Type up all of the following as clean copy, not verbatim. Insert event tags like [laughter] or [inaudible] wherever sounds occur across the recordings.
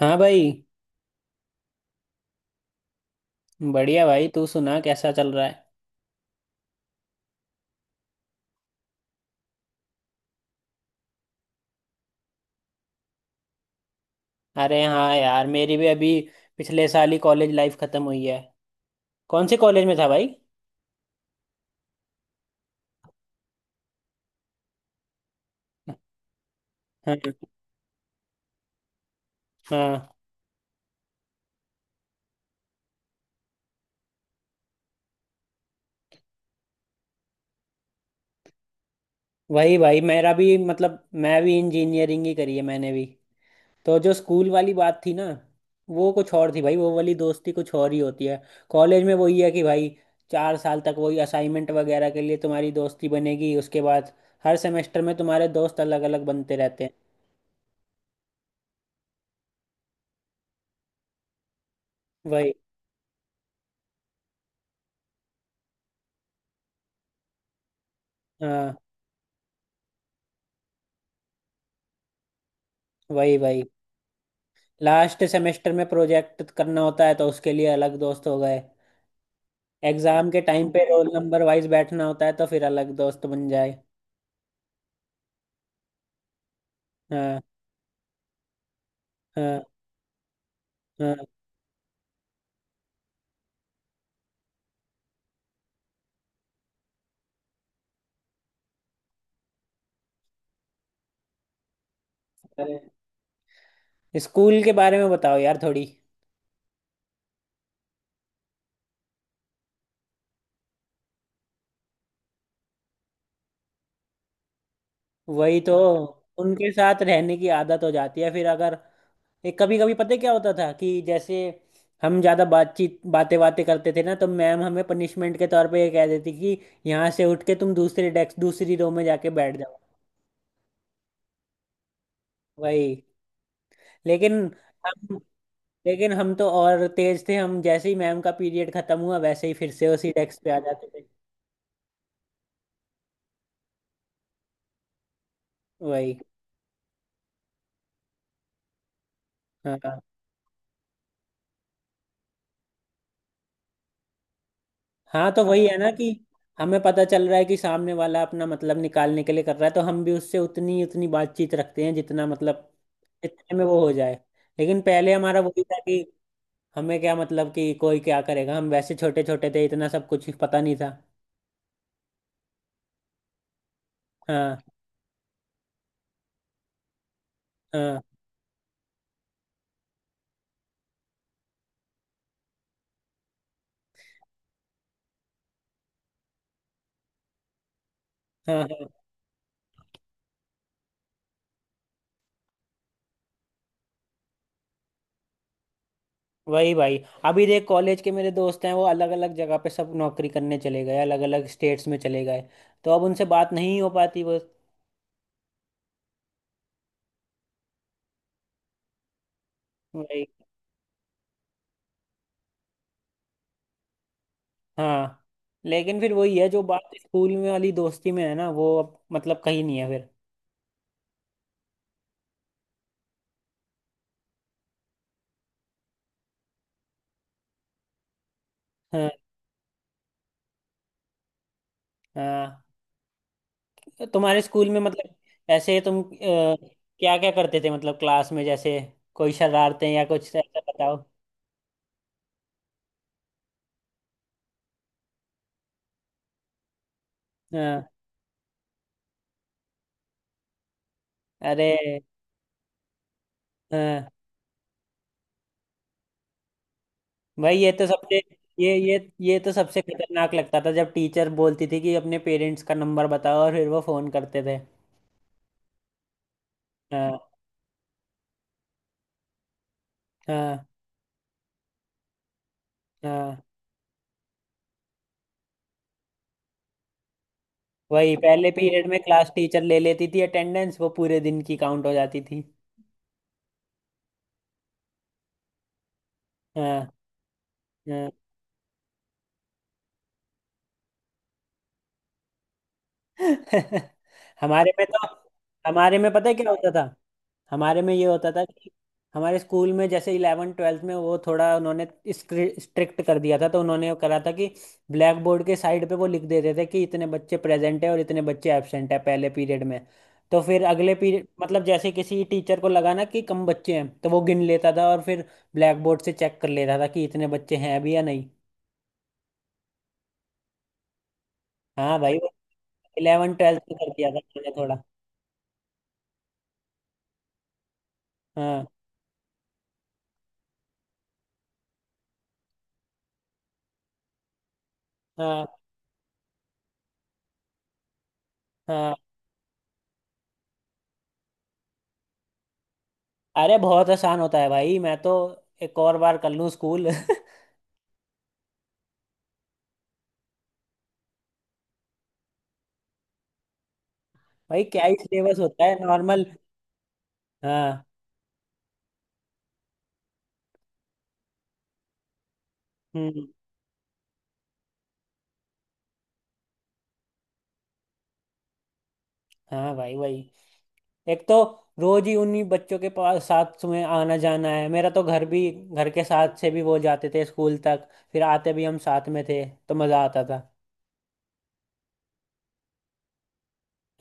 हाँ भाई। बढ़िया भाई। तू सुना कैसा चल रहा है? अरे हाँ यार मेरी भी अभी पिछले साल ही कॉलेज लाइफ खत्म हुई है। कौन से कॉलेज में था भाई? हाँ। हाँ। वही भाई मेरा भी मतलब मैं भी इंजीनियरिंग ही करी है मैंने भी। तो जो स्कूल वाली बात थी ना वो कुछ और थी भाई। वो वाली दोस्ती कुछ और ही होती है। कॉलेज में वही है कि भाई चार साल तक वही असाइनमेंट वगैरह के लिए तुम्हारी दोस्ती बनेगी। उसके बाद हर सेमेस्टर में तुम्हारे दोस्त अलग अलग बनते रहते हैं। वही। हाँ। वही वही। लास्ट सेमेस्टर में प्रोजेक्ट करना होता है तो उसके लिए अलग दोस्त हो गए। एग्जाम के टाइम पे रोल नंबर वाइज बैठना होता है तो फिर अलग दोस्त बन जाए। हाँ। हाँ। हाँ। अरे स्कूल के बारे में बताओ यार थोड़ी। वही तो। उनके साथ रहने की आदत हो जाती है फिर अगर एक कभी कभी पता है क्या होता था कि जैसे हम ज्यादा बातचीत बातें बातें करते थे ना तो मैम हमें पनिशमेंट के तौर पे ये कह देती कि यहाँ से उठ के तुम दूसरे डेस्क दूसरी रो में जाके बैठ जाओ। वही। लेकिन हम लेकिन हम तो और तेज थे। हम जैसे ही मैम का पीरियड खत्म हुआ वैसे ही फिर से उसी डेस्क पे आ जाते थे। वही। हाँ। हाँ। तो वही है ना कि हमें पता चल रहा है कि सामने वाला अपना मतलब निकालने के लिए कर रहा है तो हम भी उससे उतनी उतनी बातचीत रखते हैं जितना मतलब जितने में वो हो जाए। लेकिन पहले हमारा वही था कि हमें क्या मतलब कि कोई क्या करेगा। हम वैसे छोटे छोटे थे इतना सब कुछ पता नहीं था। हाँ। हाँ। हाँ। हाँ। वही भाई अभी देख कॉलेज के मेरे दोस्त हैं वो अलग अलग जगह पे सब नौकरी करने चले गए। अलग अलग स्टेट्स में चले गए। तो अब उनसे बात नहीं हो पाती वो। वही। हाँ। लेकिन फिर वही है जो बात स्कूल में वाली दोस्ती में है ना वो अब मतलब कहीं नहीं है फिर। हाँ। हाँ। तो तुम्हारे स्कूल में मतलब ऐसे तुम क्या क्या करते थे मतलब क्लास में जैसे कोई शरारतें या कुछ ऐसा बताओ। हाँ। अरे हाँ भाई ये तो सबसे खतरनाक लगता था जब टीचर बोलती थी कि अपने पेरेंट्स का नंबर बताओ और फिर वो फोन करते थे। हाँ। हाँ। हाँ वही पहले पीरियड में क्लास टीचर ले लेती थी अटेंडेंस। वो पूरे दिन की काउंट हो जाती थी। हाँ। हाँ। [laughs] हमारे में तो हमारे में पता है क्या होता था। हमारे में ये होता था कि हमारे स्कूल में जैसे इलेवन ट्वेल्थ में वो थोड़ा उन्होंने स्ट्रिक्ट कर दिया था तो उन्होंने करा था कि ब्लैक बोर्ड के साइड पे वो लिख देते थे कि इतने बच्चे प्रेजेंट है और इतने बच्चे एब्सेंट है पहले पीरियड में। तो फिर अगले पीरियड मतलब जैसे किसी टीचर को लगा ना कि कम बच्चे हैं तो वो गिन लेता था और फिर ब्लैक बोर्ड से चेक कर लेता था कि इतने बच्चे हैं भी या नहीं। हाँ भाई वो इलेवन ट्वेल्थ में कर दिया था मैंने थोड़ा। हाँ। हाँ। हाँ। अरे बहुत आसान होता है भाई मैं तो एक और बार कर लूँ स्कूल। [laughs] भाई क्या ही सिलेबस होता है नॉर्मल। हाँ। हम्म। हाँ भाई भाई एक तो रोज ही उन्हीं बच्चों के पास साथ में आना जाना है। मेरा तो घर भी घर के साथ से भी वो जाते थे स्कूल तक। फिर आते भी हम साथ में थे तो मजा आता था।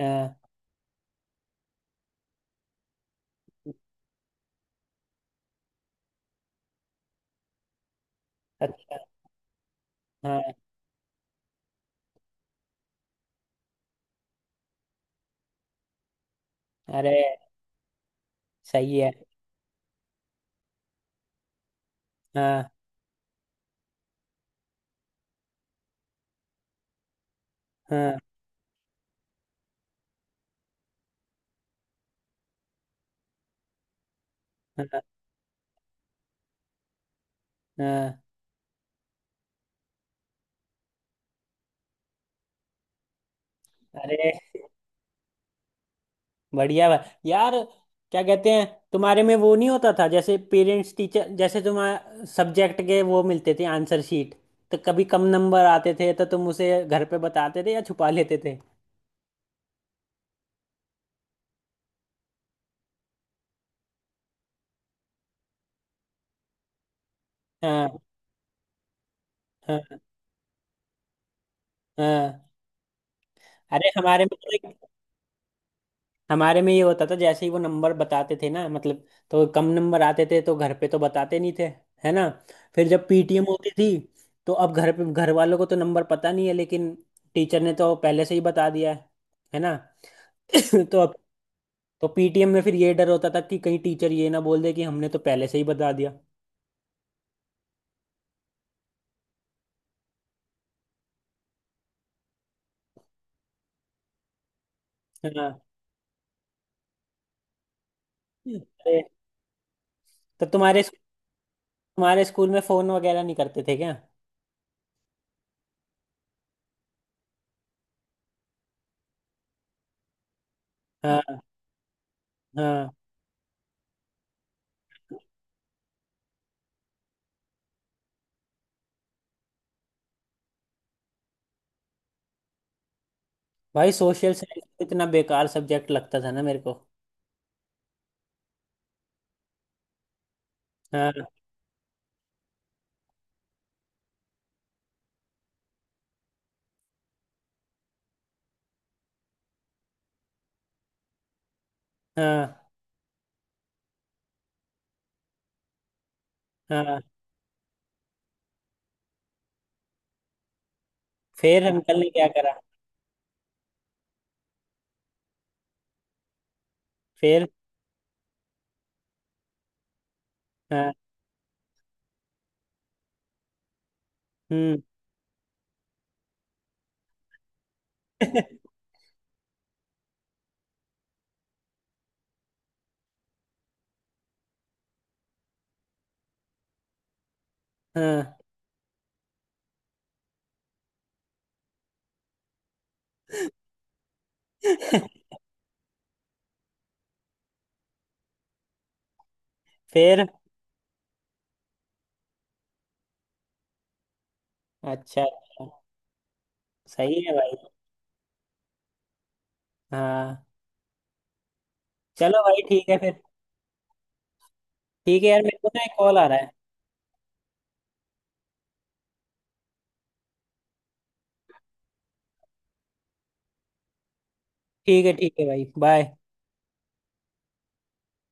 हाँ। अच्छा। हाँ। अरे सही है। हाँ। हाँ। हाँ। हाँ। अरे बढ़िया बा यार क्या कहते हैं तुम्हारे में वो नहीं होता था जैसे पेरेंट्स टीचर जैसे तुम्हारे सब्जेक्ट के वो मिलते थे आंसर शीट तो कभी कम नंबर आते थे तो तुम उसे घर पे बताते थे या छुपा लेते थे? हाँ। हाँ। हाँ। अरे हमारे में ये होता था जैसे ही वो नंबर बताते थे ना मतलब तो कम नंबर आते थे तो घर पे तो बताते नहीं थे। है ना? फिर जब पीटीएम होती थी तो अब घर पे घर वालों को तो नंबर पता नहीं है लेकिन टीचर ने तो पहले से ही बता दिया है। है ना? [coughs] [clears throat] तो अब तो पीटीएम में फिर ये डर होता था कि कहीं टीचर ये ना बोल दे कि हमने तो पहले से ही बता दिया। है ना? अरे, तो तुम्हारे तुम्हारे स्कूल में फोन वगैरह नहीं करते थे क्या? हाँ। हाँ। भाई सोशल साइंस इतना बेकार सब्जेक्ट लगता था ना मेरे को। हाँ। हाँ। हाँ। फिर अंकल ने क्या करा? फिर। हाँ। हम्म। [laughs] हाँ। [laughs] फिर अच्छा अच्छा। सही है भाई। हाँ चलो भाई ठीक है फिर। ठीक है यार मेरे को ना एक कॉल आ रहा है। ठीक है ठीक है भाई। बाय।